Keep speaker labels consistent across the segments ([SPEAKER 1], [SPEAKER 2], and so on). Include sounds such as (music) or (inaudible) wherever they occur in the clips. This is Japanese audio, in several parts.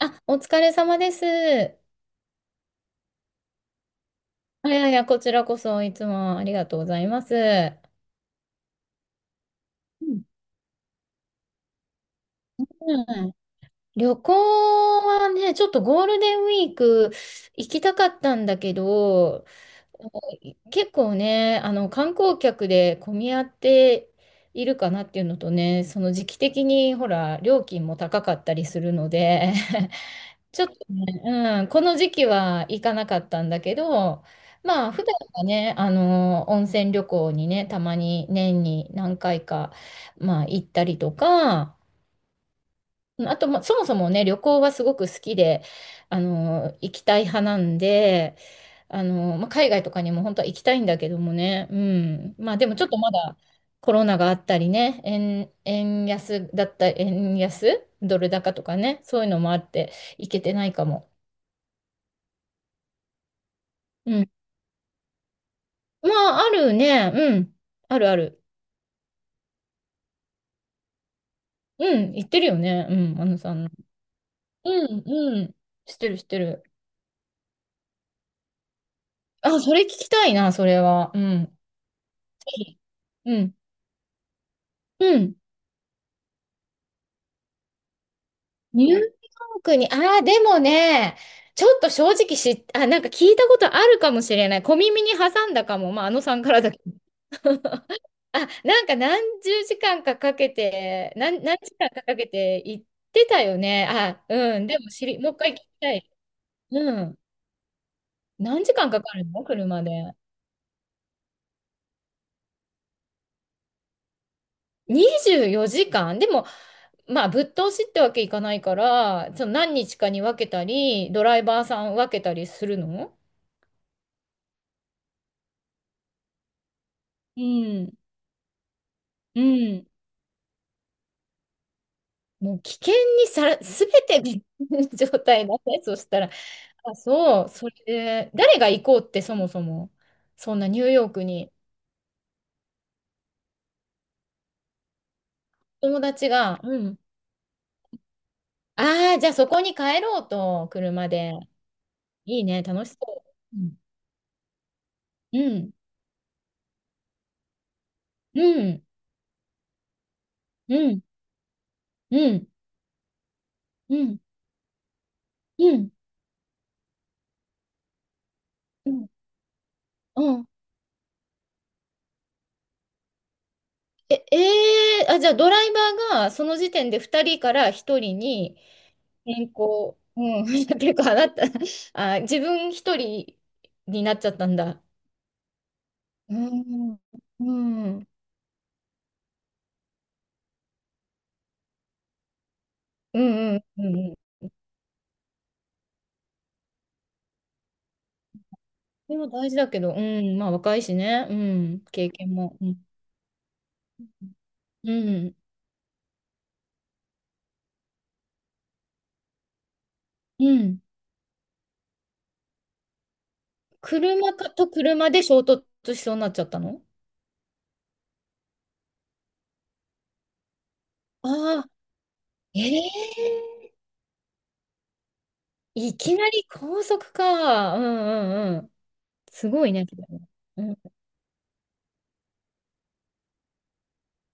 [SPEAKER 1] あ、お疲れ様です。いやいや、こちらこそいつもありがとうございます。うん、うん、旅行はね、ちょっとゴールデンウィーク行きたかったんだけど、結構ね、あの観光客で混み合っているかなっていうのとね、その時期的にほら、料金も高かったりするので、ちょっとね、うん、この時期は行かなかったんだけど、まあ、普段はね、温泉旅行にね、たまに年に何回か、まあ、行ったりとか、あと、まあ、そもそもね、旅行はすごく好きで、行きたい派なんで、まあ、海外とかにも本当は行きたいんだけどもね、うん。まあ、でもちょっとまだコロナがあったりね、円安だった、円安、ドル高とかね、そういうのもあって、行けてないかも。うん。まあ、あるね。うん。あるある。うん。言ってるよね。うん。あのさん。うん、うん。知ってる、知ってる。あ、それ聞きたいな、それは。うん。ぜひ。うん。うん。ニューヨークに、ああ、でもね、ちょっと正直、あ、なんか聞いたことあるかもしれない。小耳に挟んだかも。まあ、あのさんからだけど。あ、なんか何十時間かかけて、何時間かかけて行ってたよね。あ、うん。でももう一回聞きたい。うん。何時間かかるの車で？24時間でも、まあ、ぶっ通しってわけいかないから、その何日かに分けたり、ドライバーさん分けたりするの？うん、うん。もう危険にさら、すべて危険な状態だね。(laughs) そしたら、あ、そう、それで、誰が行こうってそもそも、そんなニューヨークに、友達が、うん、ああ、じゃあそこに帰ろうと、車で。いいね、楽しそう。うん、うん、うん、うん、うん、うん、うん、うん、うん、うん。え、えー、あ、じゃあドライバーがその時点で2人から1人に変更、うん、(laughs) 結構あなた、あ、自分1人になっちゃったんだ。うん、うん、うん、うん、うん。うん。でも大事だけど、うん、まあ若いしね、うん、経験も。うん、うん、うん。車かと車で衝突しそうになっちゃったの。ああー、ええ、いきなり高速か。うん、うん、うん。すごいね。それね。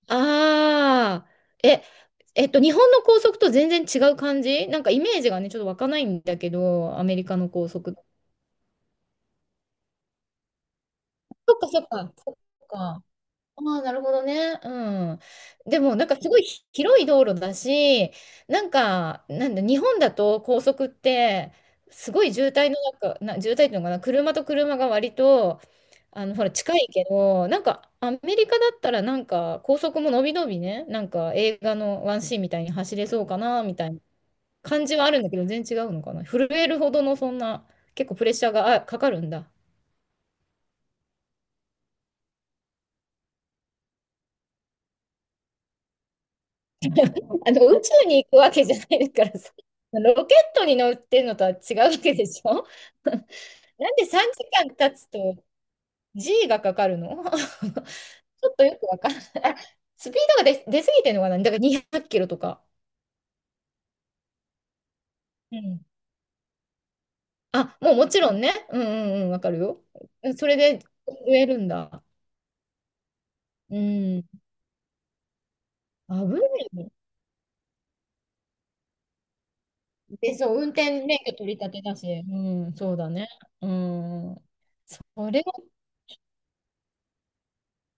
[SPEAKER 1] ああ、え、日本の高速と全然違う感じなんかイメージがね、ちょっと湧かないんだけど、アメリカの高速。そっかそっか、そっか。ああ、なるほどね。うん。でも、なんかすごい広い道路だし、なんか、なんだ、日本だと高速って、すごい渋滞の中、渋滞っていうのかな、車と車が割と、ほら、近いけど、なんか、アメリカだったら、なんか、高速ものびのびね、なんか、映画のワンシーンみたいに走れそうかな、みたいな感じはあるんだけど、全然違うのかな。震えるほどの、そんな、結構プレッシャーがかかるんだ。宇宙に行くわけじゃないからさ、(laughs) ロケットに乗ってるのとは違うわけでしょ？ (laughs) なんで3時間経つと G がかかるの？ (laughs) ちょっとよくわからない。スピードが出すぎてるのかな。だから200キロとか。うん。あ、もうもちろんね。うん、うん、うん、わかるよ。それで植えるんだ。うん。危ないよ。で、そう、運転免許取り立てだし。うん、そうだね。うん。それは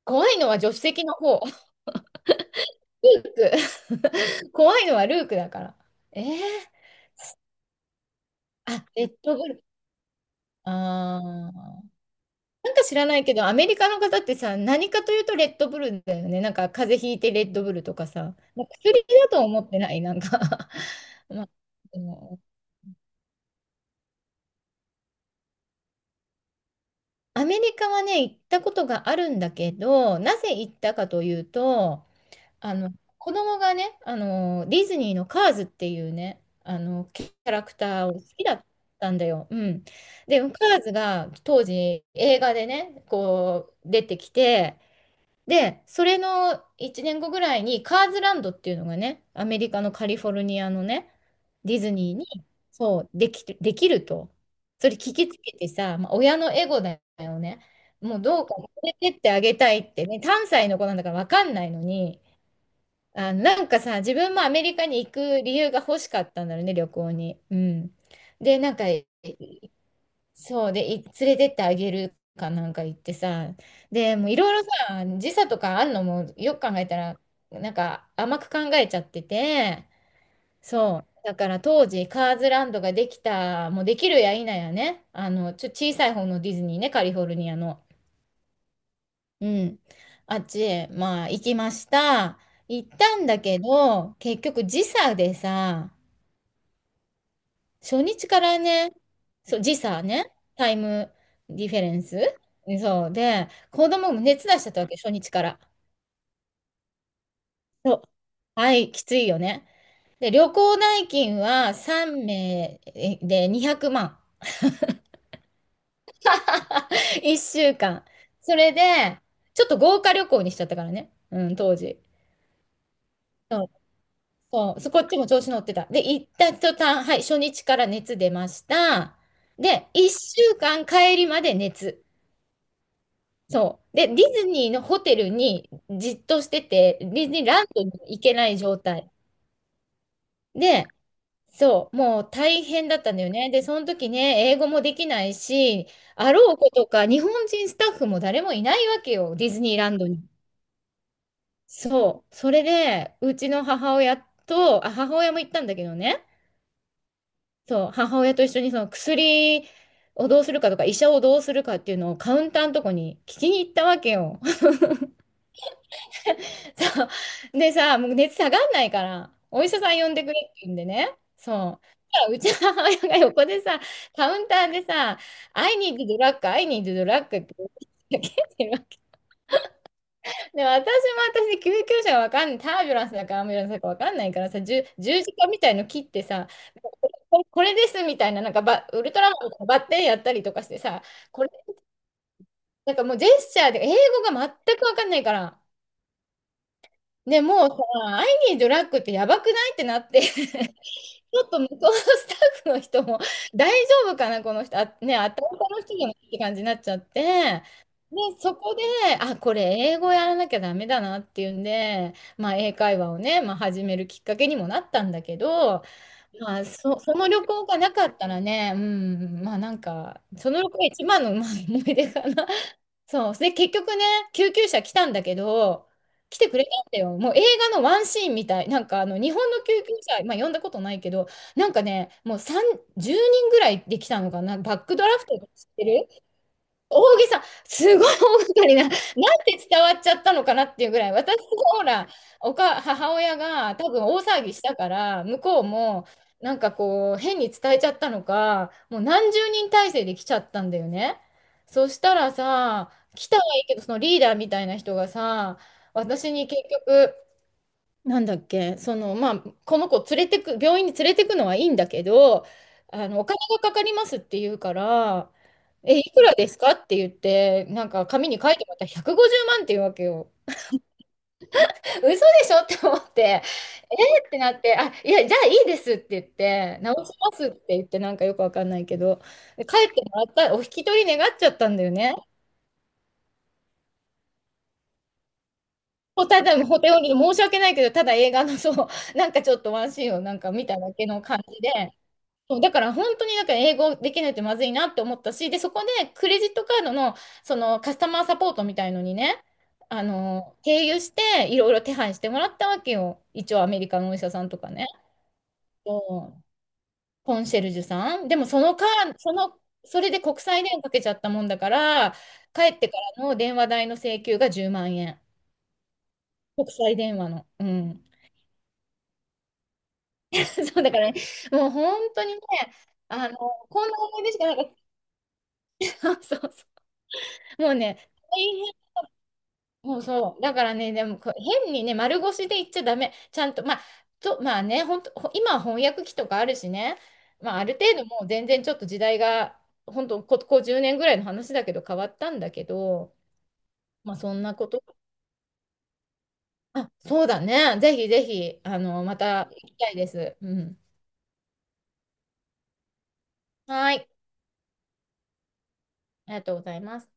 [SPEAKER 1] 怖いのは助手席の方。(laughs) ピーク。怖いのはルークだから。えー、あ、レッドブル。あー。なんか知らないけど、アメリカの方ってさ、何かというとレッドブルだよね。なんか風邪ひいてレッドブルとかさ、まあ薬だと思ってない、なんか (laughs) まあ、でもアメリカはね、行ったことがあるんだけど、なぜ行ったかというと、あの、子供がね、ディズニーのカーズっていうね、キャラクターを好きだったんだよ。うん。で、カーズが当時映画でね、こう出てきて、で、それの1年後ぐらいにカーズランドっていうのがね、アメリカのカリフォルニアのね、ディズニーに、そう、できると。それ聞きつけてさ、まあ、親のエゴだよね。もうどうか連れてってあげたいってね、3歳の子なんだから分かんないのに、あ、なんかさ、自分もアメリカに行く理由が欲しかったんだろうね、旅行に。うん。で、なんか、いそうで、い連れてってあげるかなんか行ってさ、で、もういろいろさ、時差とかあんのもよく考えたら、なんか甘く考えちゃってて、そう。だから当時、カーズランドができた、もうできるや否やね、小さい方のディズニーね、カリフォルニアの。うん。あっちへ、まあ、行きました。行ったんだけど、結局時差でさ、初日からね、そう、時差ね、タイムディフェレンス。そう。で、子供も熱出しちゃったわけ、初日から。そう。はい、きついよね。で、旅行代金は3名で200万。(laughs) 1週間。それで、ちょっと豪華旅行にしちゃったからね。うん、当時。そう、そこっちも調子乗ってた。で、行った途端、はい、初日から熱出ました。で、1週間帰りまで熱。そう。で、ディズニーのホテルにじっとしてて、ディズニーランドに行けない状態。で、そう、もう大変だったんだよね。で、その時ね、英語もできないし、あろうことか、日本人スタッフも誰もいないわけよ、ディズニーランドに。そう。それで、うちの母親と、あ、母親も行ったんだけどね、そう、母親と一緒にその薬をどうするかとか、医者をどうするかっていうのをカウンターのとこに聞きに行ったわけよ。(laughs) そう。でさ、もう熱下がんないから、お医者さん呼んでくれって言うんでね。そう。うちの母親が横でさ、カウンターでさ、I need drug, I need drug って言ってるわ。で、私も救急車がわかんない、タービュランスだかアンビュランスだかわかんないからさ、十字架みたいの切ってさ、これこれですみたいな、なんかウルトラマンとかバッテンやったりとかしてさ、これ、なんかもうジェスチャーで英語が全くわかんないから、ね、もうさ、I need drug ってやばくないってなって。ちょっと向こうのスタッフの人も (laughs) 大丈夫かな、この人、あ、ね、あたたの人じゃないって感じになっちゃって、で、そこで、あ、これ英語やらなきゃダメだなっていうんで、まあ、英会話をね、まあ、始めるきっかけにもなったんだけど、まあ、その旅行がなかったらね、うん、まあなんか、その旅行が一番の、まあ、思い出かな。そう。で、結局ね、救急車来たんだけど、来てくれたんだよ。もう映画のワンシーンみたい。なんかあの、日本の救急車、まあ呼んだことないけど、なんかね、もう3、10人ぐらいで来たのかな。バックドラフト知ってる？大げさ、すごい大掛かりな、なんて伝わっちゃったのかなっていうぐらい、私もほら、母親が多分大騒ぎしたから、向こうもなんかこう、変に伝えちゃったのか、もう何十人体制で来ちゃったんだよね。そしたらさ、来たはいいけど、そのリーダーみたいな人がさ、私に結局、なんだっけ、その、まあ、この子連れてく、病院に連れてくのはいいんだけど、あの、お金がかかりますって言うから、え、いくらですかって言って、なんか紙に書いてもらったら150万って言うわけよ。嘘でしょって思って、えーってなって、あ、いや、じゃあいいですって言って、直しますって言って、なんかよくわかんないけど、で帰ってもらった、お引き取り願っちゃったんだよね。もうただ、ホテルに申し訳ないけど、ただ映画のそう、なんかちょっとワンシーンをなんか見ただけの感じで、そう、だから本当にだから英語できないとまずいなって思ったし、で、そこでクレジットカードのそのカスタマーサポートみたいのにね、あの、経由していろいろ手配してもらったわけよ。一応アメリカのお医者さんとかね。そうコンシェルジュさん。でもそのか、その、それで国際電話かけちゃったもんだから、帰ってからの電話代の請求が10万円。国際電話の。うん。(laughs) そうだからね、もう本当にね、あの、こんな思い出しかなかった。(laughs) そうそう。もうね、そうそう。だからね、でもこう変にね、丸腰で言っちゃダメ。ちゃんと、まあ、まあね、本当、今は翻訳機とかあるしね、まあ、ある程度もう全然ちょっと時代が、本当、ここ10年ぐらいの話だけど変わったんだけど、まあ、そんなこと。あ、そうだね。ぜひぜひ、あの、また行きたいです。うん。はい。ありがとうございます。